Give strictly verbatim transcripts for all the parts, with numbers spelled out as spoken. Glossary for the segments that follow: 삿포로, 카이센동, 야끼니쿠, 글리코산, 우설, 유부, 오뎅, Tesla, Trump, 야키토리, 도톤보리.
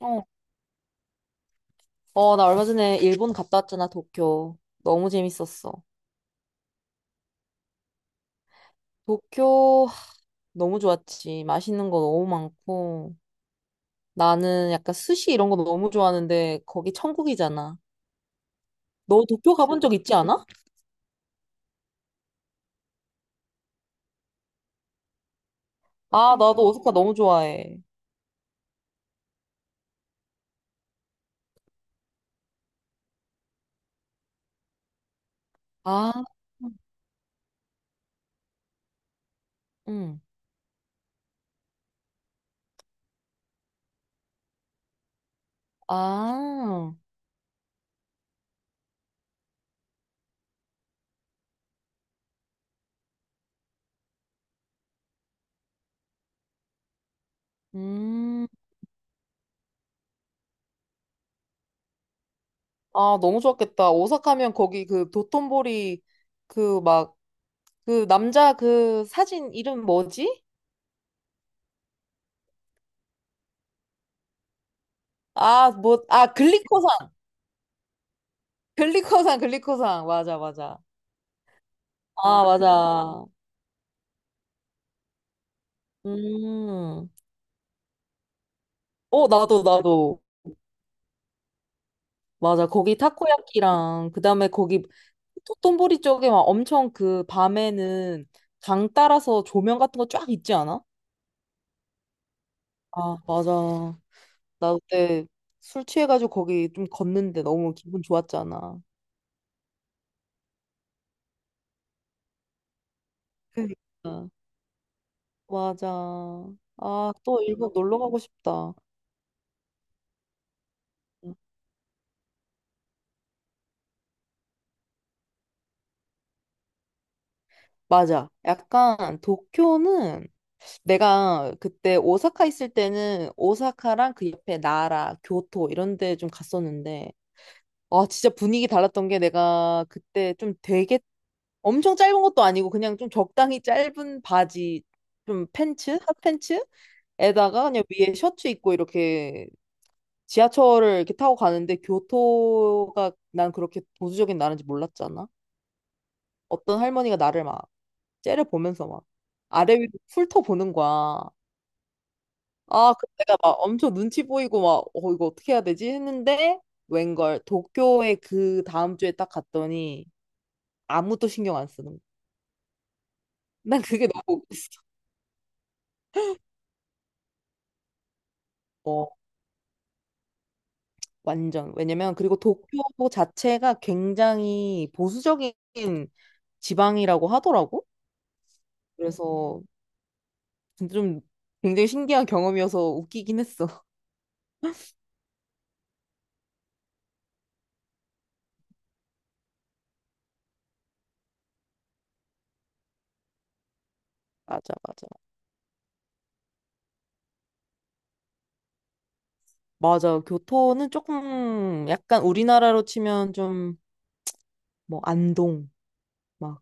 어, 어, 나 얼마 전에 일본 갔다 왔잖아, 도쿄. 너무 재밌었어. 도쿄 하, 너무 좋았지. 맛있는 거 너무 많고. 나는 약간 스시 이런 거 너무 좋아하는데 거기 천국이잖아. 너 도쿄 가본 적 있지 않아? 아, 나도 오사카 너무 좋아해. 아, 응. 아, 음. 아, 너무 좋았겠다. 오사카면 거기 그 도톤보리 그 막 그 남자 그 사진 이름 뭐지? 아, 뭐, 아, 글리코 글리코산, 글리코산. 맞아, 맞아. 아, 맞아. 음. 어, 나도, 나도. 맞아. 거기 타코야키랑, 그 다음에 거기 토톤보리 쪽에 막 엄청 그 밤에는 강 따라서 조명 같은 거 쫙 있지 않아? 아, 맞아. 나 그때 술 취해가지고 거기 좀 걷는데 너무 기분 좋았잖아. 그러니까. 맞아. 아, 또 일본 놀러 가고 싶다. 응. 맞아. 약간 도쿄는 내가 그때 오사카 있을 때는 오사카랑 그 옆에 나라, 교토 이런 데 좀 갔었는데, 아, 진짜 분위기 달랐던 게 내가 그때 좀 되게 엄청 짧은 것도 아니고 그냥 좀 적당히 짧은 바지, 좀 팬츠, 핫팬츠에다가 그냥 위에 셔츠 입고 이렇게 지하철을 이렇게 타고 가는데 교토가 난 그렇게 보수적인 나라인지 몰랐잖아. 어떤 할머니가 나를 막 째려보면서 막 아래 위로 훑어보는 거야. 아, 그 내가 막 엄청 눈치 보이고 막, 어, 이거 어떻게 해야 되지? 했는데, 웬걸, 도쿄에 그 다음 주에 딱 갔더니 아무도 신경 안 쓰는 거야. 난 그게 너무 웃겼어. 어, 완전. 왜냐면, 그리고 도쿄 자체가 굉장히 보수적인 지방이라고 하더라고. 그래서 진짜 좀 굉장히 신기한 경험이어서 웃기긴 했어. 맞아, 맞아. 맞아. 교토는 조금 약간 우리나라로 치면 좀 뭐 안동. 막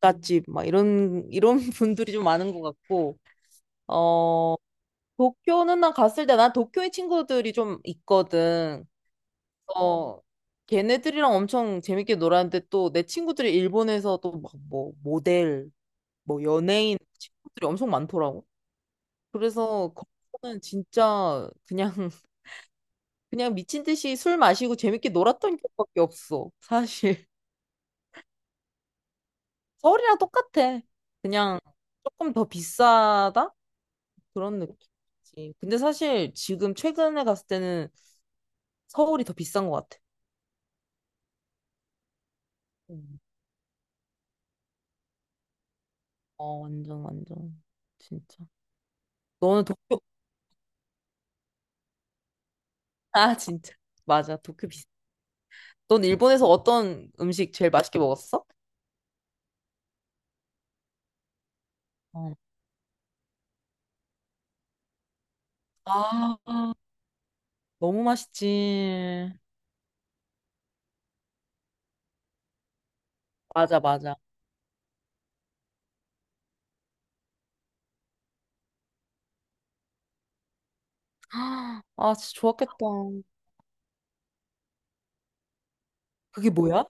갓집 막 이런 이런 분들이 좀 많은 것 같고 어 도쿄는 난 갔을 때 난 도쿄의 친구들이 좀 있거든. 어 걔네들이랑 엄청 재밌게 놀았는데 또 내 친구들이 일본에서 또 막 뭐 모델 뭐 연예인 친구들이 엄청 많더라고. 그래서 거기는 진짜 그냥 그냥 미친 듯이 술 마시고 재밌게 놀았던 기억밖에 없어. 사실 서울이랑 똑같아. 그냥 조금 더 비싸다? 그런 느낌이지. 근데 사실 지금 최근에 갔을 때는 서울이 더 비싼 것 같아. 음. 어, 완전, 완전. 진짜. 너는 도쿄, 아, 진짜. 맞아, 도쿄 비싸. 넌 일본에서 어떤 음식 제일 맛있게 먹었어? 어. 아, 너무 맛있지. 맞아, 맞아. 아, 진짜 좋았겠다. 그게 뭐야?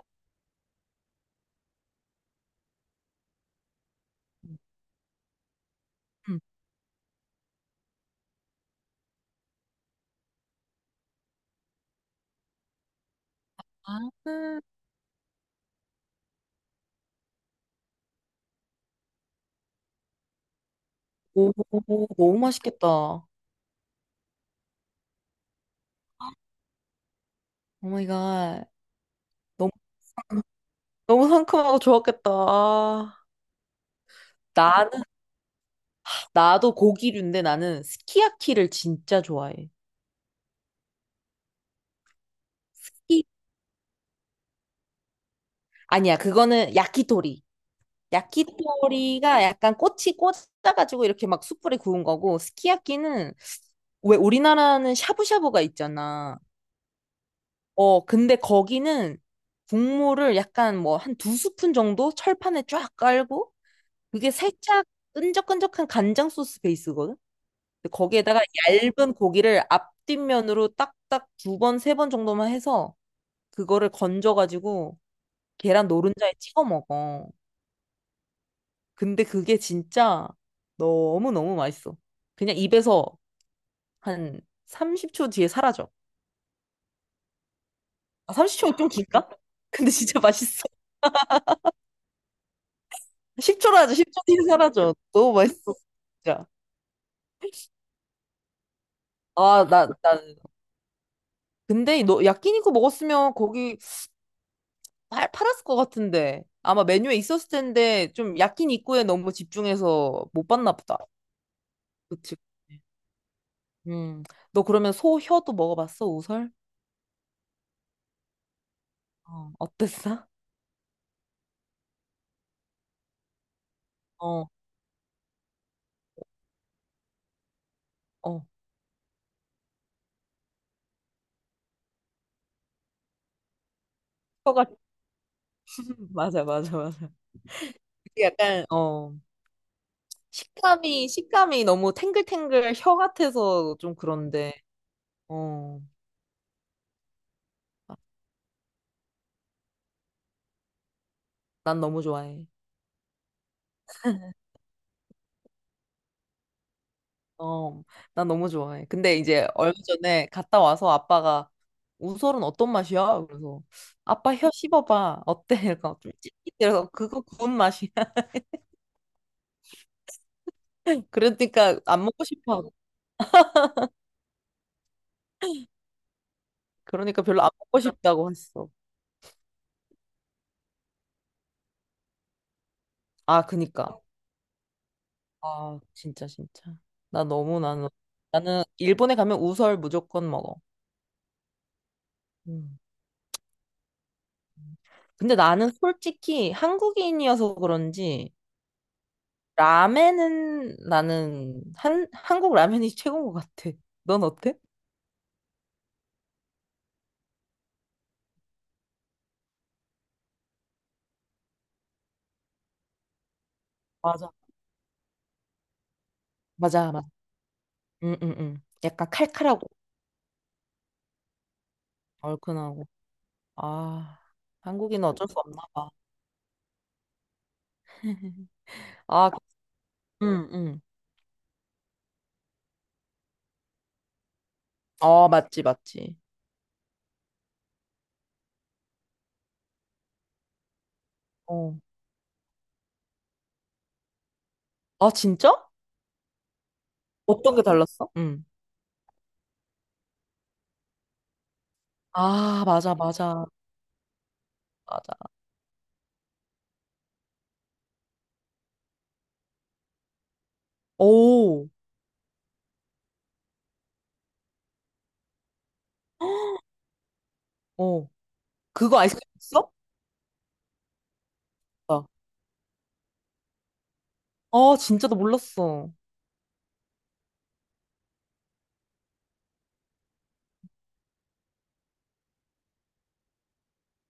응. 나는 오, 너무 맛있겠다. 오 마이 갓. 너무, 너무 상큼하고 좋았겠다. 아, 나도 고기류인데 나는 스키야키를 진짜 좋아해. 스키- 아니야, 그거는 야키토리. 야키토리가 약간 꼬치 꽂아가지고 이렇게 막 숯불에 구운 거고, 스키야키는 왜 우리나라는 샤브샤브가 있잖아. 어, 근데 거기는 국물을 약간 뭐 한 두 스푼 정도 철판에 쫙 깔고, 그게 살짝 끈적끈적한 간장 소스 베이스거든? 근데 거기에다가 얇은 고기를 앞뒷면으로 딱딱 두 번, 세 번 정도만 해서 그거를 건져가지고 계란 노른자에 찍어 먹어. 근데 그게 진짜 너무너무 맛있어. 그냥 입에서 한 삼십 초 뒤에 사라져. 아, 삼십 초 좀 긴가? 근데 진짜 맛있어. 십 초로 하자. 십 초 뒤에 사라져. 너무 맛있어. 진짜. 아, 나, 나. 근데 너 야끼니쿠 먹었으면 거기 팔, 팔았을 것 같은데. 아마 메뉴에 있었을 텐데 좀 야끼니쿠에 너무 집중해서 못 봤나 보다. 그치. 음. 너 그러면 소 혀도 먹어봤어? 우설? 어, 어땠어? 어, 어. 혀가 맞아, 맞아, 맞아. 이게 약간 어 식감이 식감이 너무 탱글탱글 혀 같아서 좀 그런데 어 난 너무 좋아해 어 난 너무 좋아해 근데 이제 얼마 전에 갔다 와서 아빠가 우설은 어떤 맛이야? 그래서 아빠 혀 씹어봐 어때? 그러니까 좀 찝찝해서 그거 구운 맛이야 그러니까 안 먹고 싶어 그러니까 별로 안 먹고 싶다고 했어 아, 그니까. 아, 진짜, 진짜. 나 너무 나는, 나는 일본에 가면 우설 무조건 먹어. 음. 근데 나는 솔직히 한국인이어서 그런지, 라멘은 나는 한, 한국 라면이 최고인 것 같아. 넌 어때? 맞아. 맞아, 맞아. 응, 응, 응. 약간 칼칼하고, 얼큰하고. 아, 한국인은 어쩔 수 없나 봐. 아, 응, 응. 아, 맞지, 맞지. 어. 아, 진짜? 어떤 게 달랐어? 응. 아, 맞아, 맞아, 맞아. 오, 어. 그거 아이스크림 있어? 아, 아, 진짜 나 몰랐어.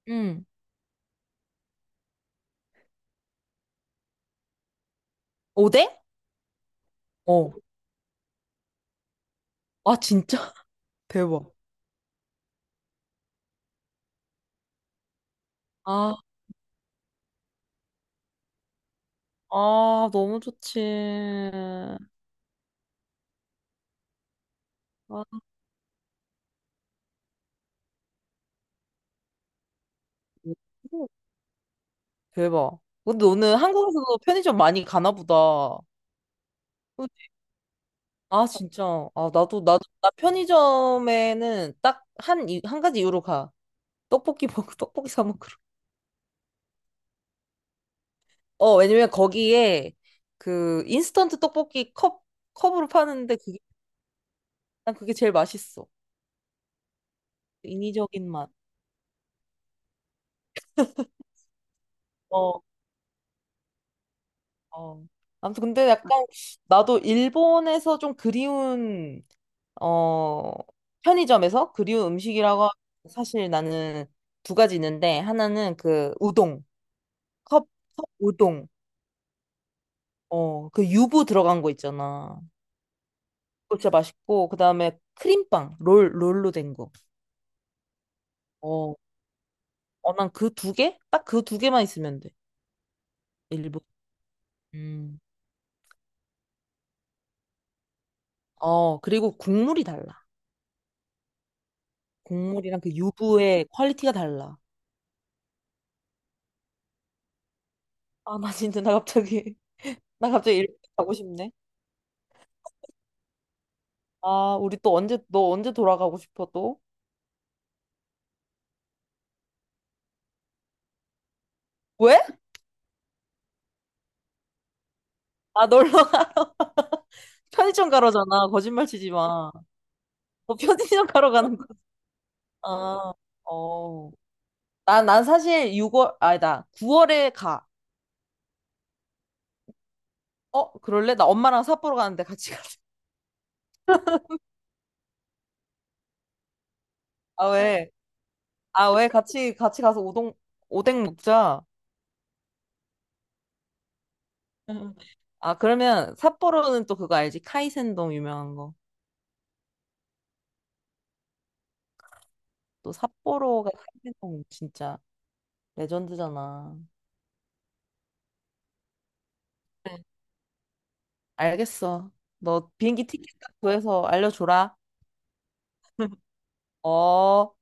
응. 오뎅? 어. 아, 진짜? 대박. 아, 아, 너무 좋지. 아, 오, 대박. 근데 너는 한국에서도 편의점 많이 가나 보다. 그치? 아, 진짜. 아, 나도, 나도, 나 편의점에는 딱 한, 이- 한 가지 이유로 가. 떡볶이 먹고, 떡볶이 사 먹고. 어, 왜냐면 거기에 그 인스턴트 떡볶이 컵, 컵으로 파는데 그게, 난 그게 제일 맛있어. 인위적인 맛. 어, 어. 아무튼 근데 약간 나도 일본에서 좀 그리운, 어, 편의점에서 그리운 음식이라고 하면 사실 나는 두 가지 있는데 하나는 그 우동, 컵, 컵 우동. 어, 그 유부 들어간 거 있잖아. 그거 진짜 맛있고, 그 다음에 크림빵, 롤, 롤로 된 거. 어, 어, 난 그 두 개? 딱 그 두 개만 있으면 돼. 일본. 음. 어, 그리고 국물이 달라. 국물이랑 그 유부의 퀄리티가 달라. 아, 나 진짜, 나 갑자기, 나 갑자기 일본 가고 싶네. 아, 우리 또 언제, 너 언제 돌아가고 싶어, 또? 왜? 아, 놀러 가. 편의점 가러잖아. 거짓말 치지 마. 너 편의점 가러 가는 거야. 아, 어. 난, 난 사실 유월, 아니다. 구월에 가. 어, 그럴래? 나 엄마랑 삿포로 가는데 같이 가자. 아, 왜? 아, 왜 같이 같이 가서 오동 오뎅 먹자. 응. 아, 그러면 삿포로는 또 그거 알지? 카이센동 유명한 거. 또 삿포로가 카이센동 진짜 레전드잖아. 알겠어. 너 비행기 티켓 딱 구해서 알려줘라. 어.